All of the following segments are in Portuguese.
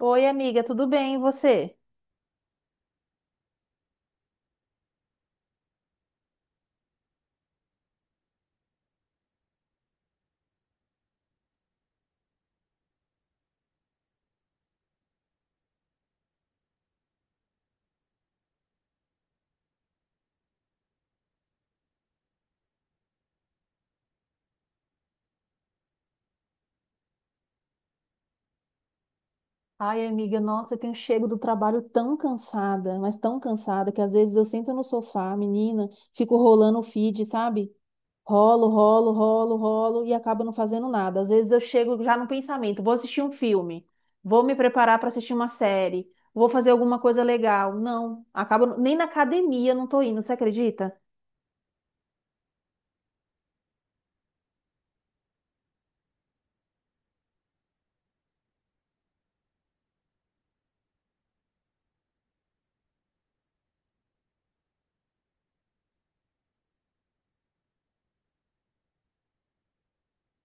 Oi, amiga, tudo bem? E você? Ai, amiga, nossa, eu tenho chego do trabalho tão cansada, mas tão cansada, que às vezes eu sento no sofá, menina, fico rolando o feed, sabe? Rolo, rolo, rolo, rolo e acabo não fazendo nada. Às vezes eu chego já no pensamento, vou assistir um filme, vou me preparar para assistir uma série, vou fazer alguma coisa legal. Não, acabo nem na academia eu não tô indo, você acredita?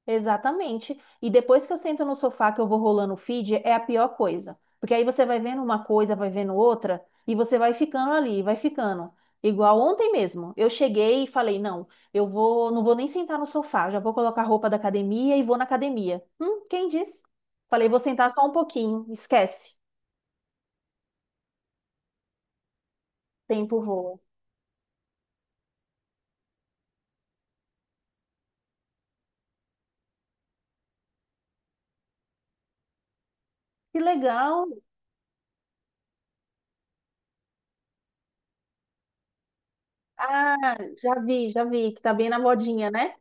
Exatamente. E depois que eu sento no sofá que eu vou rolando o feed, é a pior coisa. Porque aí você vai vendo uma coisa, vai vendo outra, e você vai ficando ali, vai ficando. Igual ontem mesmo. Eu cheguei e falei, não, eu vou, não vou nem sentar no sofá, já vou colocar a roupa da academia e vou na academia. Quem disse? Falei, vou sentar só um pouquinho, esquece. Tempo voa. Que legal. Ah, já vi, que tá bem na modinha, né?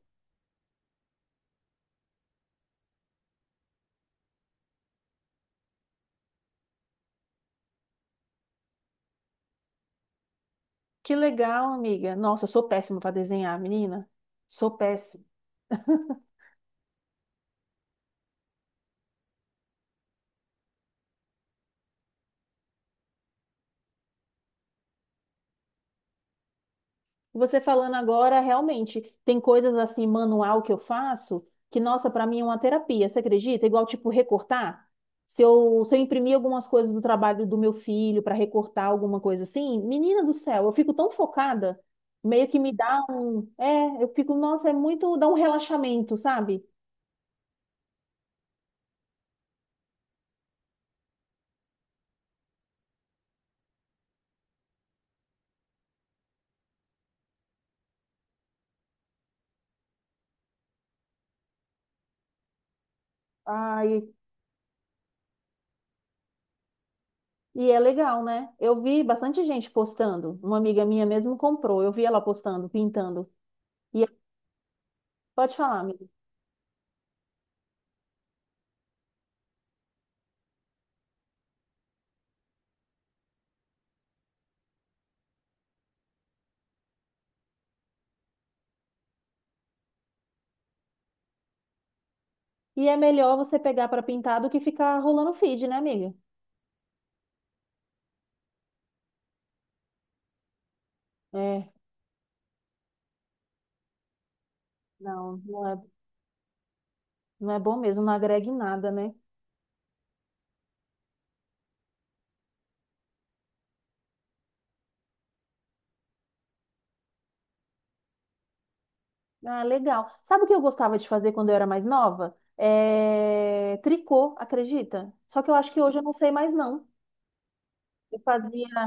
Que legal, amiga. Nossa, eu sou péssima para desenhar, menina. Sou péssima. Você falando agora, realmente, tem coisas assim, manual que eu faço, que, nossa, para mim é uma terapia, você acredita? Igual, tipo, recortar. Se eu imprimir algumas coisas do trabalho do meu filho para recortar alguma coisa assim, menina do céu, eu fico tão focada, meio que me dá um. É, eu fico, nossa, é muito. Dá um relaxamento, sabe? Ai, e é legal, né? Eu vi bastante gente postando. Uma amiga minha mesmo comprou, eu vi ela postando, pintando. E pode falar, amiga. E é melhor você pegar para pintar do que ficar rolando feed, né, amiga? É, não, não é bom mesmo, não agrega em nada, né? Ah, legal. Sabe o que eu gostava de fazer quando eu era mais nova? Tricô, acredita? Só que eu acho que hoje eu não sei mais, não. Eu fazia.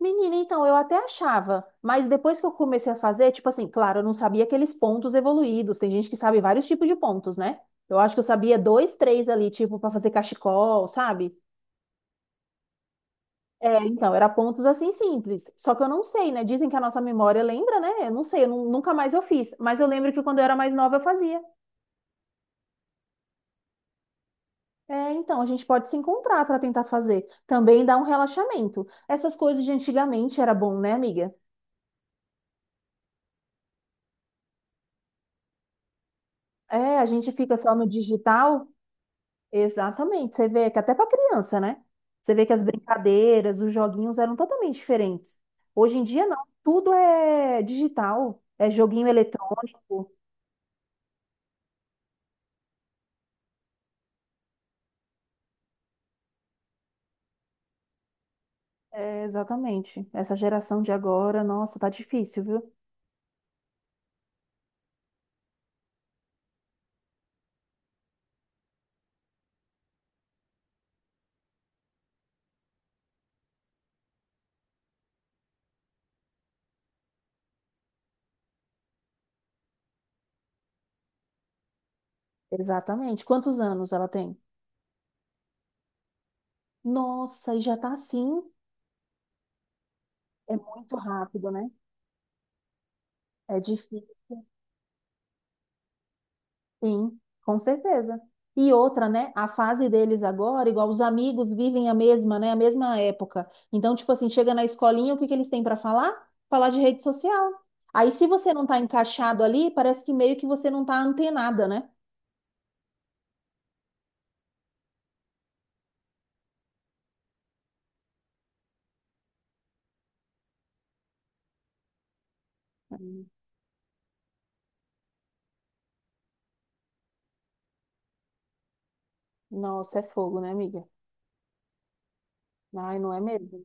Menina, então, eu até achava, mas depois que eu comecei a fazer, tipo assim, claro, eu não sabia aqueles pontos evoluídos. Tem gente que sabe vários tipos de pontos, né? Eu acho que eu sabia dois, três ali, tipo, para fazer cachecol, sabe? É, então, era pontos assim simples. Só que eu não sei, né? Dizem que a nossa memória lembra, né? Eu não sei, nunca mais eu fiz. Mas eu lembro que quando eu era mais nova eu fazia. É, então, a gente pode se encontrar para tentar fazer. Também dá um relaxamento. Essas coisas de antigamente era bom, né, amiga? É, a gente fica só no digital. Exatamente. Você vê que até para criança, né? Você vê que as brincadeiras, os joguinhos eram totalmente diferentes. Hoje em dia, não. Tudo é digital. É joguinho eletrônico. É, exatamente. Essa geração de agora, nossa, tá difícil, viu? Exatamente. Quantos anos ela tem? Nossa, e já tá assim. É muito rápido, né? É difícil. Sim, com certeza. E outra, né? A fase deles agora, igual os amigos vivem a mesma, né? A mesma época. Então, tipo assim, chega na escolinha, o que que eles têm para falar? Falar de rede social. Aí, se você não tá encaixado ali, parece que meio que você não tá antenada, né? Hum. Nossa, é fogo, né, amiga? Ai, não é mesmo?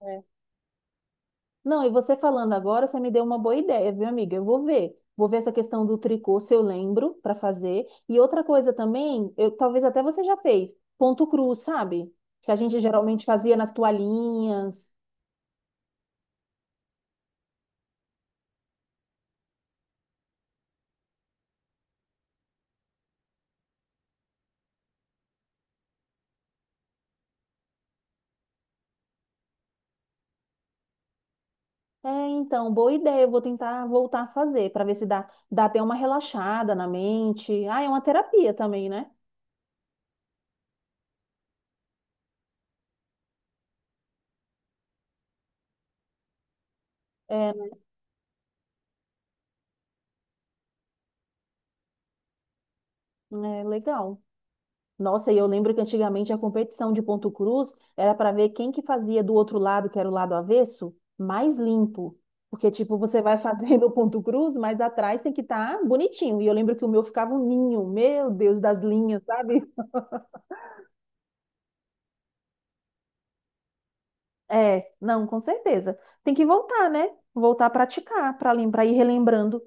É. Não, e você falando agora, você me deu uma boa ideia, viu, amiga? Eu vou ver. Vou ver essa questão do tricô, se eu lembro, para fazer. E outra coisa também, eu, talvez até você já fez, ponto cruz, sabe? Que a gente geralmente fazia nas toalhinhas. É, então, boa ideia. Eu vou tentar voltar a fazer, para ver se dá, dá até uma relaxada na mente. Ah, é uma terapia também, né? É, é legal. Nossa, e eu lembro que antigamente a competição de ponto cruz era para ver quem que fazia do outro lado, que era o lado avesso, mais limpo. Porque, tipo, você vai fazendo o ponto cruz, mas atrás tem que estar bonitinho. E eu lembro que o meu ficava um ninho, meu Deus, das linhas, sabe? É, não, com certeza. Tem que voltar, né? Voltar a praticar, para lembrar, ir relembrando.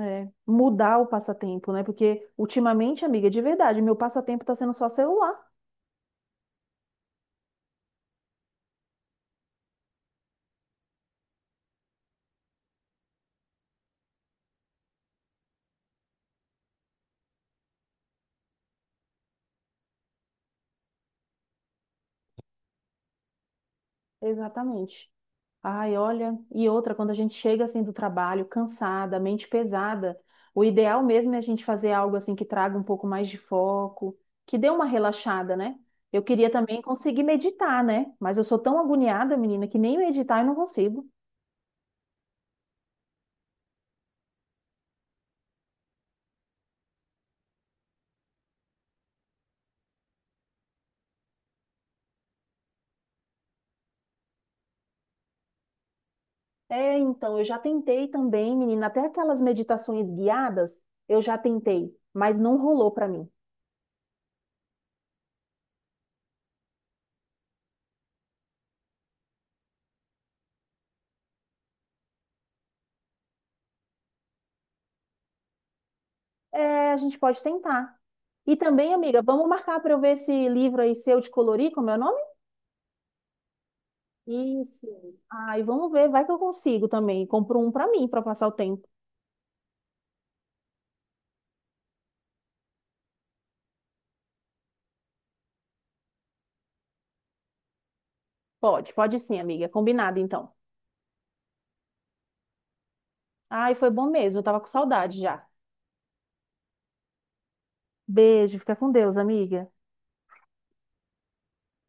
É, mudar o passatempo, né? Porque ultimamente, amiga, de verdade, meu passatempo está sendo só celular. Exatamente. Ai, olha, e outra, quando a gente chega assim do trabalho, cansada, mente pesada, o ideal mesmo é a gente fazer algo assim que traga um pouco mais de foco, que dê uma relaxada, né? Eu queria também conseguir meditar, né? Mas eu sou tão agoniada, menina, que nem meditar eu não consigo. É, então, eu já tentei também, menina, até aquelas meditações guiadas, eu já tentei, mas não rolou pra mim. É, a gente pode tentar. E também, amiga, vamos marcar para eu ver esse livro aí seu de colorir, como é o nome? Isso. Ai, vamos ver, vai que eu consigo também. Compro um pra mim, pra passar o tempo. Pode, pode sim, amiga. Combinado, então. Ai, foi bom mesmo, eu tava com saudade já. Beijo, fica com Deus, amiga.